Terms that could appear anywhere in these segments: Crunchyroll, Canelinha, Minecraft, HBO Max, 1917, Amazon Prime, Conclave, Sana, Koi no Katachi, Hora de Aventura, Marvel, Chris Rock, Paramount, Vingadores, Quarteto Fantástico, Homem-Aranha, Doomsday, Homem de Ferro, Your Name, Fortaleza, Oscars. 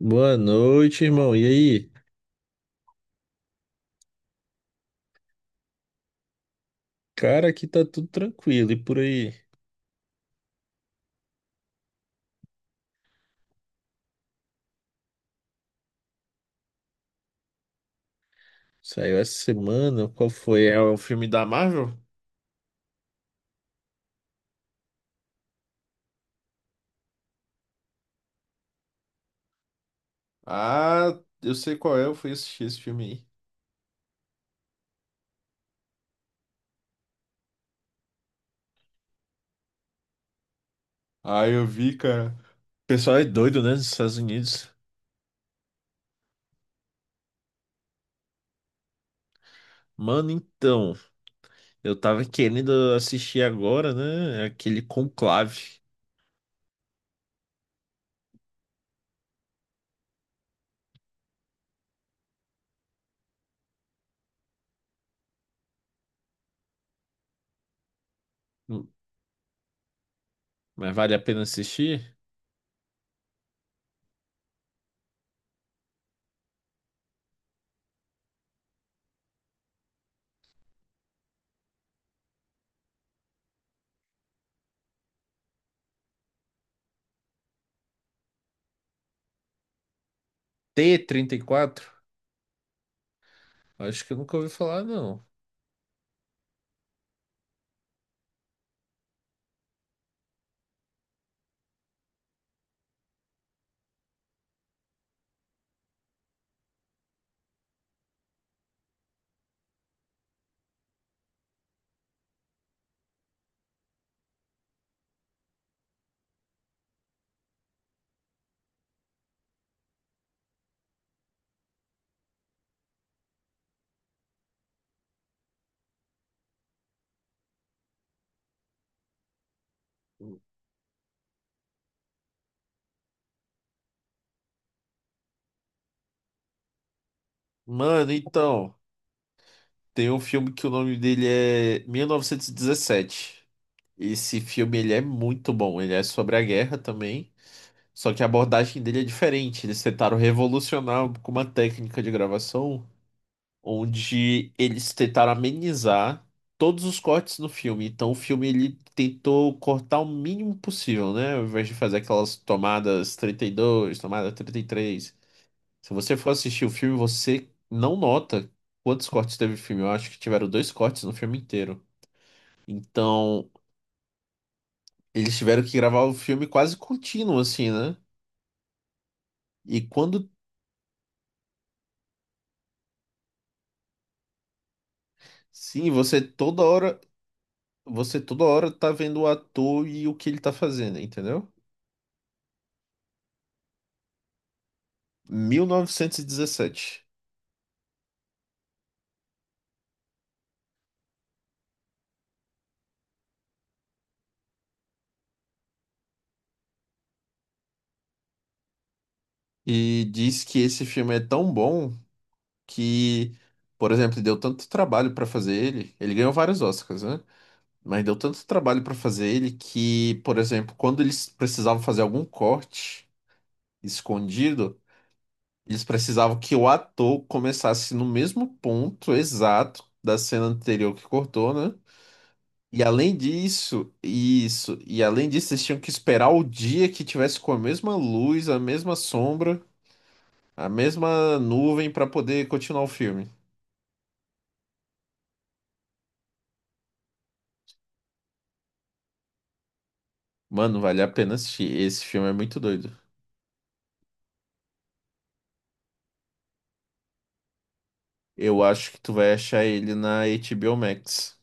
Boa noite, irmão. E aí? Cara, aqui tá tudo tranquilo. E por aí? Saiu essa semana? Qual foi? É o filme da Marvel? Ah, eu sei qual é. Eu fui assistir esse filme aí. Ah, eu vi, cara. O pessoal é doido, né? Nos Estados Unidos. Mano, então. Eu tava querendo assistir agora, né? Aquele Conclave. Hum. Mas vale a pena assistir? T-34. Acho que eu nunca ouvi falar, não. Mano, então. Tem um filme que o nome dele é 1917. Esse filme ele é muito bom. Ele é sobre a guerra também, só que a abordagem dele é diferente. Eles tentaram revolucionar com uma técnica de gravação onde eles tentaram amenizar todos os cortes no filme. Então o filme ele tentou cortar o mínimo possível, né? Ao invés de fazer aquelas tomadas 32, tomada 33, se você for assistir o filme, você não nota quantos cortes teve o filme. Eu acho que tiveram dois cortes no filme inteiro. Então, eles tiveram que gravar o filme quase contínuo, assim, né? E quando... Sim, você toda hora. Você toda hora tá vendo o ator e o que ele tá fazendo, entendeu? 1917. E dezessete. E diz que esse filme é tão bom que, por exemplo, deu tanto trabalho pra fazer ele. Ele ganhou vários Oscars, né? Mas deu tanto trabalho para fazer ele que, por exemplo, quando eles precisavam fazer algum corte escondido, eles precisavam que o ator começasse no mesmo ponto exato da cena anterior que cortou, né? E além disso, eles tinham que esperar o dia que tivesse com a mesma luz, a mesma sombra, a mesma nuvem para poder continuar o filme. Mano, vale a pena assistir. Esse filme é muito doido. Eu acho que tu vai achar ele na HBO Max.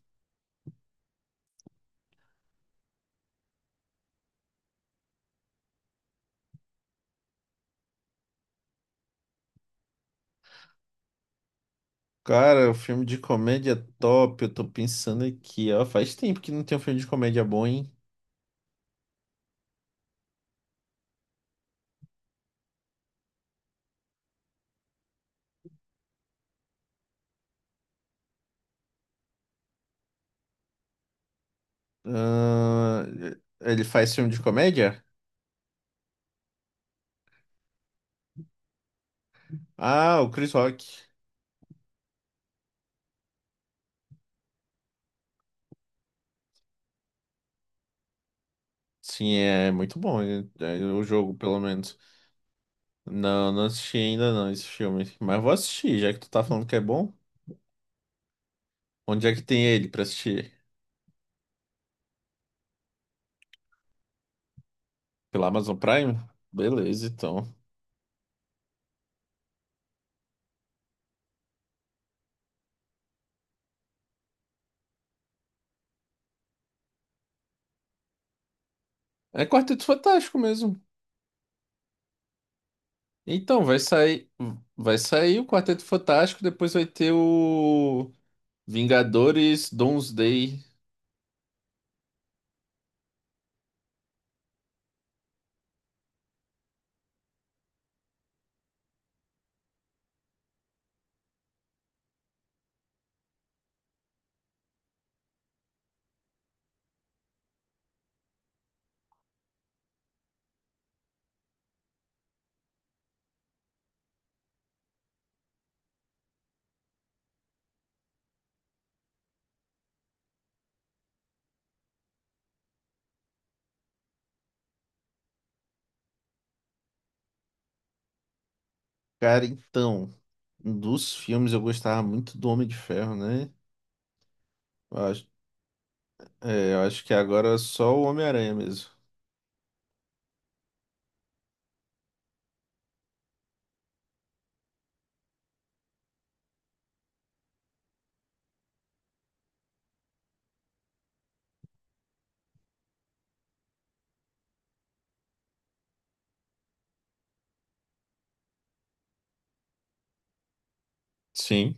Cara, o filme de comédia é top. Eu tô pensando aqui, ó. Faz tempo que não tem um filme de comédia bom, hein? Ah, ele faz filme de comédia? Ah, o Chris Rock. Sim, é muito bom. É, é o jogo, pelo menos. Não, não assisti ainda não esse filme. Mas vou assistir, já que tu tá falando que é bom. Onde é que tem ele pra assistir? Pela Amazon Prime? Beleza, então. É Quarteto Fantástico mesmo. Então, vai sair. Vai sair o Quarteto Fantástico, depois vai ter o... Vingadores, Doomsday. Cara, então, um dos filmes eu gostava muito do Homem de Ferro, né? Eu acho, eu acho que agora é só o Homem-Aranha mesmo. Sim.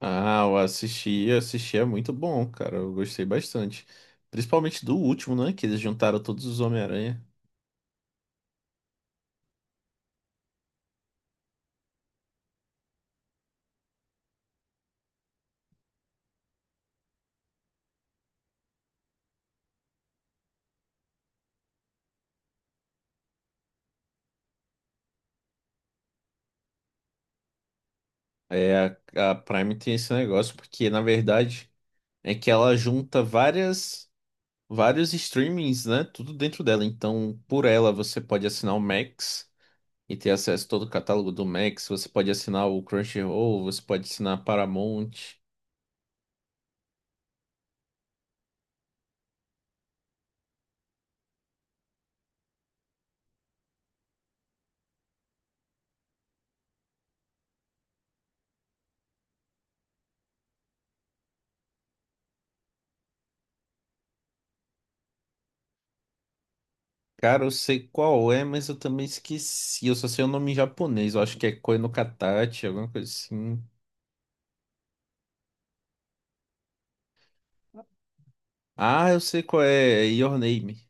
Ah, eu assisti. É muito bom, cara. Eu gostei bastante. Principalmente do último, né? Que eles juntaram todos os Homem-Aranha. É, a Prime tem esse negócio, porque na verdade é que ela junta várias, vários streamings, né? Tudo dentro dela. Então, por ela, você pode assinar o Max e ter acesso a todo o catálogo do Max. Você pode assinar o Crunchyroll, você pode assinar a Paramount. Cara, eu sei qual é, mas eu também esqueci. Eu só sei o nome em japonês. Eu acho que é Koi no Katachi, alguma coisa assim. Ah, eu sei qual é. É Your Name.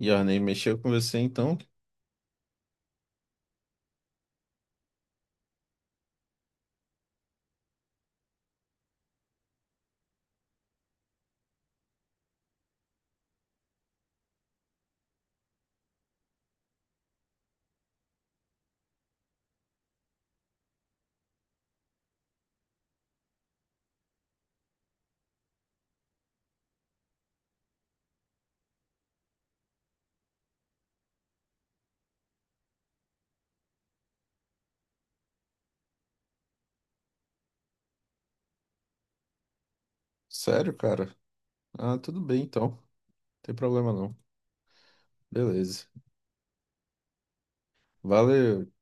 Your Name mexeu com você, então? Sério, cara? Ah, tudo bem, então. Não tem problema, não. Beleza. Valeu.